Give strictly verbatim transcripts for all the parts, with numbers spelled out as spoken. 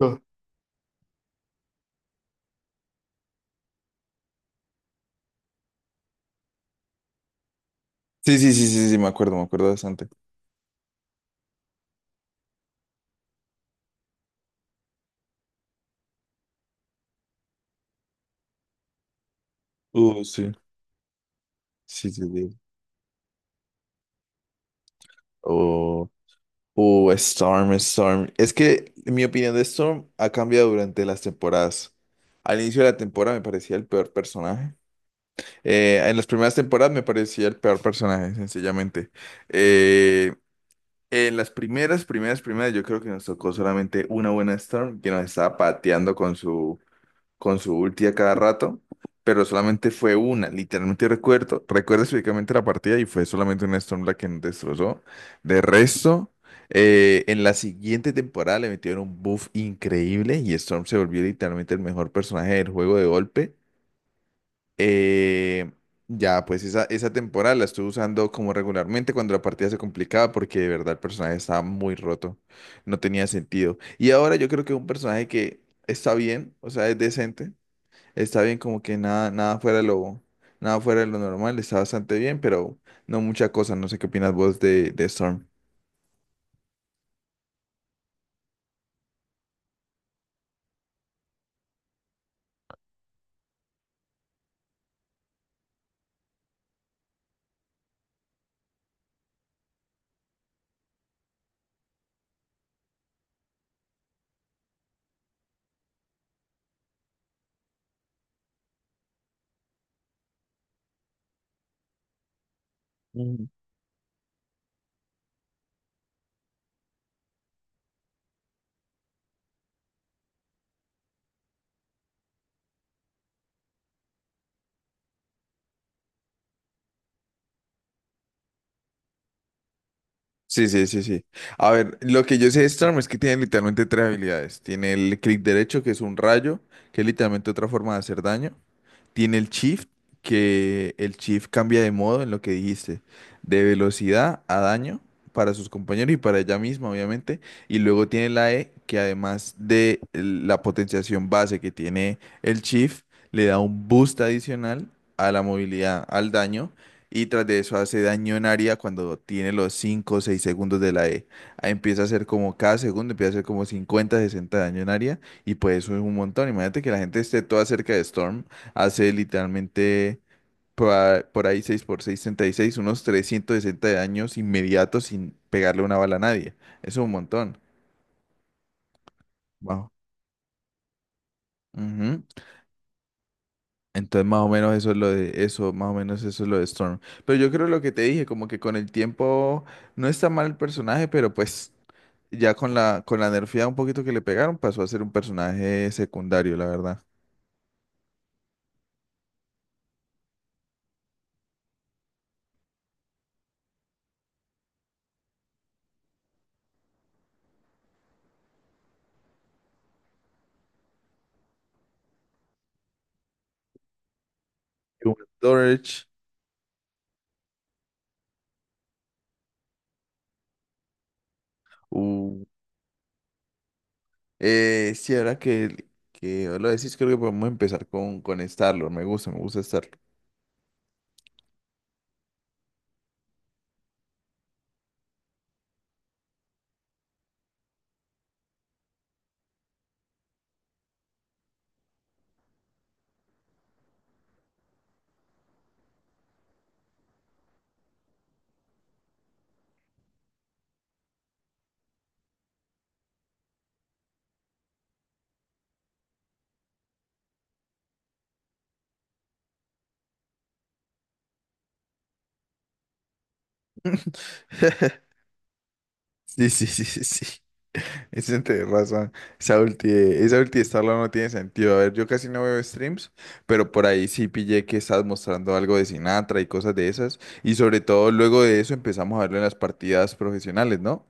Oh, sí, sí, sí, sí, sí, me acuerdo, me acuerdo bastante. Uh, sí, sí, sí, sí. Oh, uh, Storm, Storm. Es que mi opinión de Storm ha cambiado durante las temporadas. Al inicio de la temporada me parecía el peor personaje. Eh, en las primeras temporadas me parecía el peor personaje, sencillamente. Eh, en las primeras, primeras, primeras, yo creo que nos tocó solamente una buena Storm que nos estaba pateando con su con su ulti a cada rato, pero solamente fue una, literalmente recuerdo, recuerdo específicamente la partida y fue solamente una Storm la que nos destrozó. De resto, eh, en la siguiente temporada le metieron un buff increíble y Storm se volvió literalmente el mejor personaje del juego de golpe. Eh, ya, pues esa, esa temporada la estuve usando como regularmente cuando la partida se complicaba porque de verdad el personaje estaba muy roto, no tenía sentido. Y ahora yo creo que es un personaje que está bien, o sea, es decente. Está bien, como que nada, nada fuera de lo, nada fuera de lo normal, está bastante bien, pero no mucha cosa. No sé qué opinas vos de, de Storm. Mm. Sí, sí, sí, sí. A ver, lo que yo sé de Storm es que tiene literalmente tres habilidades. Tiene el clic derecho, que es un rayo, que es literalmente otra forma de hacer daño. Tiene el shift, que el shift cambia de modo en lo que dijiste, de velocidad a daño para sus compañeros y para ella misma, obviamente. Y luego tiene la E, que además de el- la potenciación base que tiene el shift, le da un boost adicional a la movilidad, al daño. Y tras de eso hace daño en área cuando tiene los cinco o seis segundos de la E. Ahí empieza a hacer como cada segundo, empieza a hacer como cincuenta sesenta daño en área. Y pues eso es un montón. Imagínate que la gente esté toda cerca de Storm. Hace literalmente por ahí por ahí seis por seis, treinta y seis, unos trescientos sesenta daños inmediatos sin pegarle una bala a nadie. Eso es un montón. Wow. Ujú. Entonces más o menos eso es lo de eso, más o menos eso es lo de Storm. Pero yo creo lo que te dije, como que con el tiempo no está mal el personaje, pero pues ya con la con la nerfeada un poquito que le pegaron pasó a ser un personaje secundario, la verdad. Hubo Storage. Eh, sí, ahora que, que lo decís, creo que podemos empezar con, con Starlord. Me gusta, me gusta Starlord. Sí, sí, sí, sí, sí. Eso tenés razón. Esa ulti, esa ulti de Starlord no tiene sentido. A ver, yo casi no veo streams, pero por ahí sí pillé que estás mostrando algo de Sinatra y cosas de esas. Y sobre todo luego de eso empezamos a verlo en las partidas profesionales, ¿no?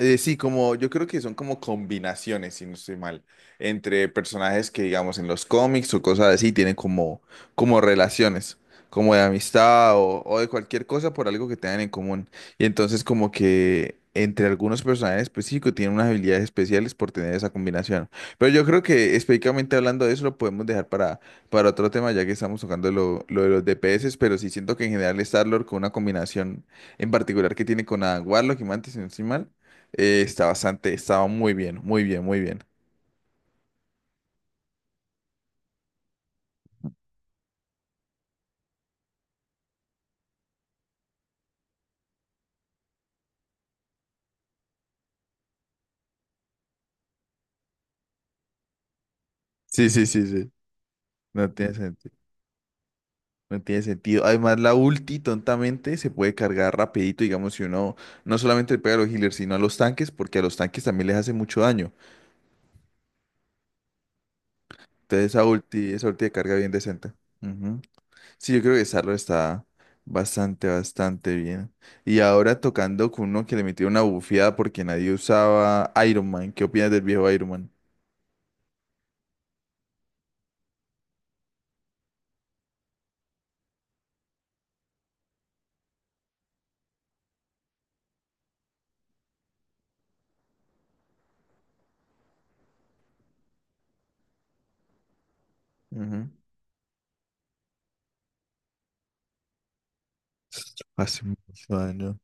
Eh, sí, como yo creo que son como combinaciones, si no estoy mal, entre personajes que digamos en los cómics o cosas así tienen como, como relaciones, como de amistad o, o de cualquier cosa por algo que tengan en común. Y entonces como que entre algunos personajes específicos tienen unas habilidades especiales por tener esa combinación. Pero yo creo que específicamente hablando de eso lo podemos dejar para, para otro tema ya que estamos tocando lo, lo de los D P S, pero sí siento que en general Star-Lord con una combinación en particular que tiene con Adam Warlock y Mantis, si no estoy mal, eh, está bastante, estaba muy bien, muy bien, muy bien. Sí, sí, sí, sí. No tiene sentido. No tiene sentido. Además, la ulti tontamente se puede cargar rapidito, digamos, si uno no solamente le pega a los healers, sino a los tanques, porque a los tanques también les hace mucho daño. Entonces, esa ulti, esa ulti de carga bien decente. Ujú. Sí, yo creo que Sarlo está bastante, bastante bien. Y ahora tocando con uno que le metió una bufiada porque nadie usaba Iron Man. ¿Qué opinas del viejo Iron Man? Ujú. Hace mucho daño.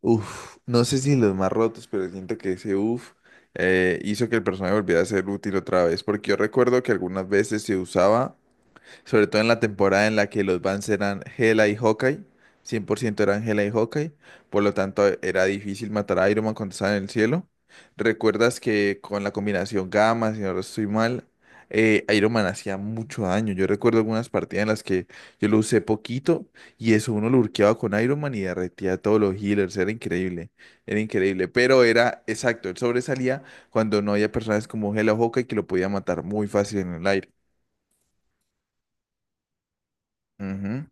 Uf, no sé si los más rotos, pero siento que ese uf eh, hizo que el personaje volviera a ser útil otra vez, porque yo recuerdo que algunas veces se usaba sobre todo en la temporada en la que los Vans eran Hela y Hawkeye, cien por ciento eran Hela y Hawkeye, por lo tanto e, era difícil matar a Iron Man cuando estaba en el cielo. ¿Recuerdas que con la combinación gamma, si no estoy mal, eh, Iron Man hacía mucho daño? Yo recuerdo algunas partidas en las que yo lo usé poquito y eso uno lo lurkeaba con Iron Man y derretía a todos los healers, era increíble, era increíble, pero era exacto, él sobresalía cuando no había personas como Hela o Hawkeye que lo podía matar muy fácil en el aire. Ujú,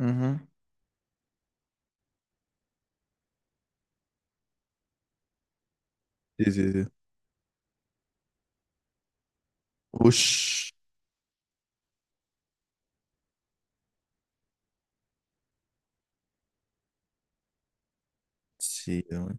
ujú. Sí, sí, sí. Ush. Sí, güey.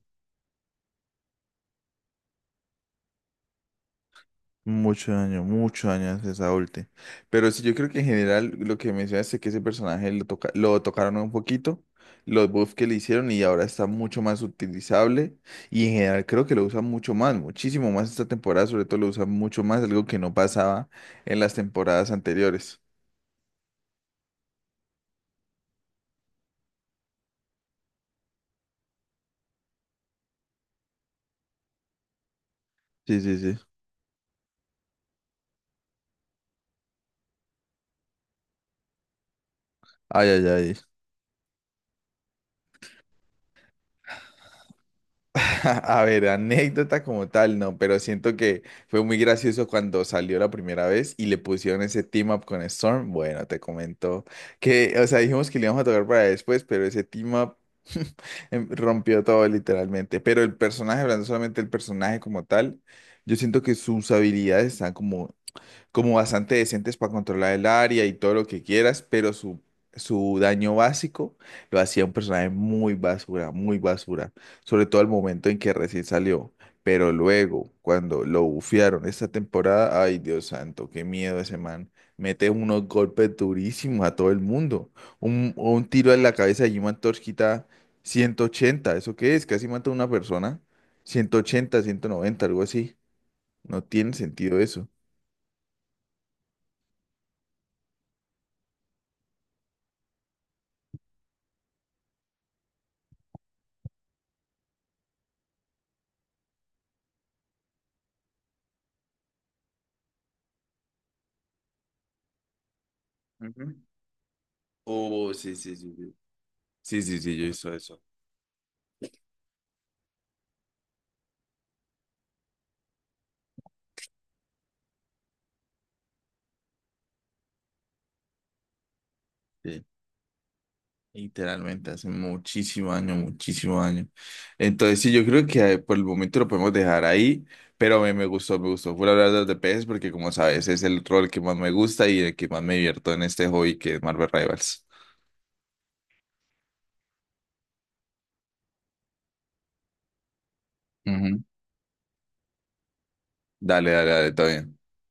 Mucho daño, mucho daño hace esa ulti. Pero sí, yo creo que en general lo que mencionaste es que ese personaje lo, toca lo tocaron un poquito, los buffs que le hicieron y ahora está mucho más utilizable. Y en general creo que lo usan mucho más, muchísimo más esta temporada, sobre todo lo usan mucho más, algo que no pasaba en las temporadas anteriores. Sí, sí, sí. Ay, ay, ay. A ver, anécdota como tal, no, pero siento que fue muy gracioso cuando salió la primera vez y le pusieron ese team up con Storm. Bueno, te comento que, o sea, dijimos que le íbamos a tocar para después, pero ese team up em, rompió todo literalmente. Pero el personaje, hablando solamente del personaje como tal, yo siento que sus habilidades están como como bastante decentes para controlar el área y todo lo que quieras, pero su, su daño básico lo hacía un personaje muy basura, muy basura, sobre todo al momento en que recién salió. Pero luego, cuando lo bufearon esta temporada, ay Dios santo, qué miedo ese man. Mete unos golpes durísimos a todo el mundo. Un, un tiro en la cabeza de Human Torch quita ciento ochenta. ¿Eso qué es? Casi mata a una persona. Ciento ochenta, ciento noventa, algo así. No tiene sentido eso. Ujú. Oh, sí, sí, sí, sí. Sí, sí, sí, yo hice eso. Sí, literalmente, hace muchísimo año muchísimo año. Entonces, sí, yo creo que eh, por el momento lo podemos dejar ahí, pero me, me gustó, me gustó. Fue hablar de los de peces porque, como sabes, es el rol que más me gusta y el que más me divierto en este hobby que es Marvel Rivals. Ujú. Dale, dale, dale, todo bien.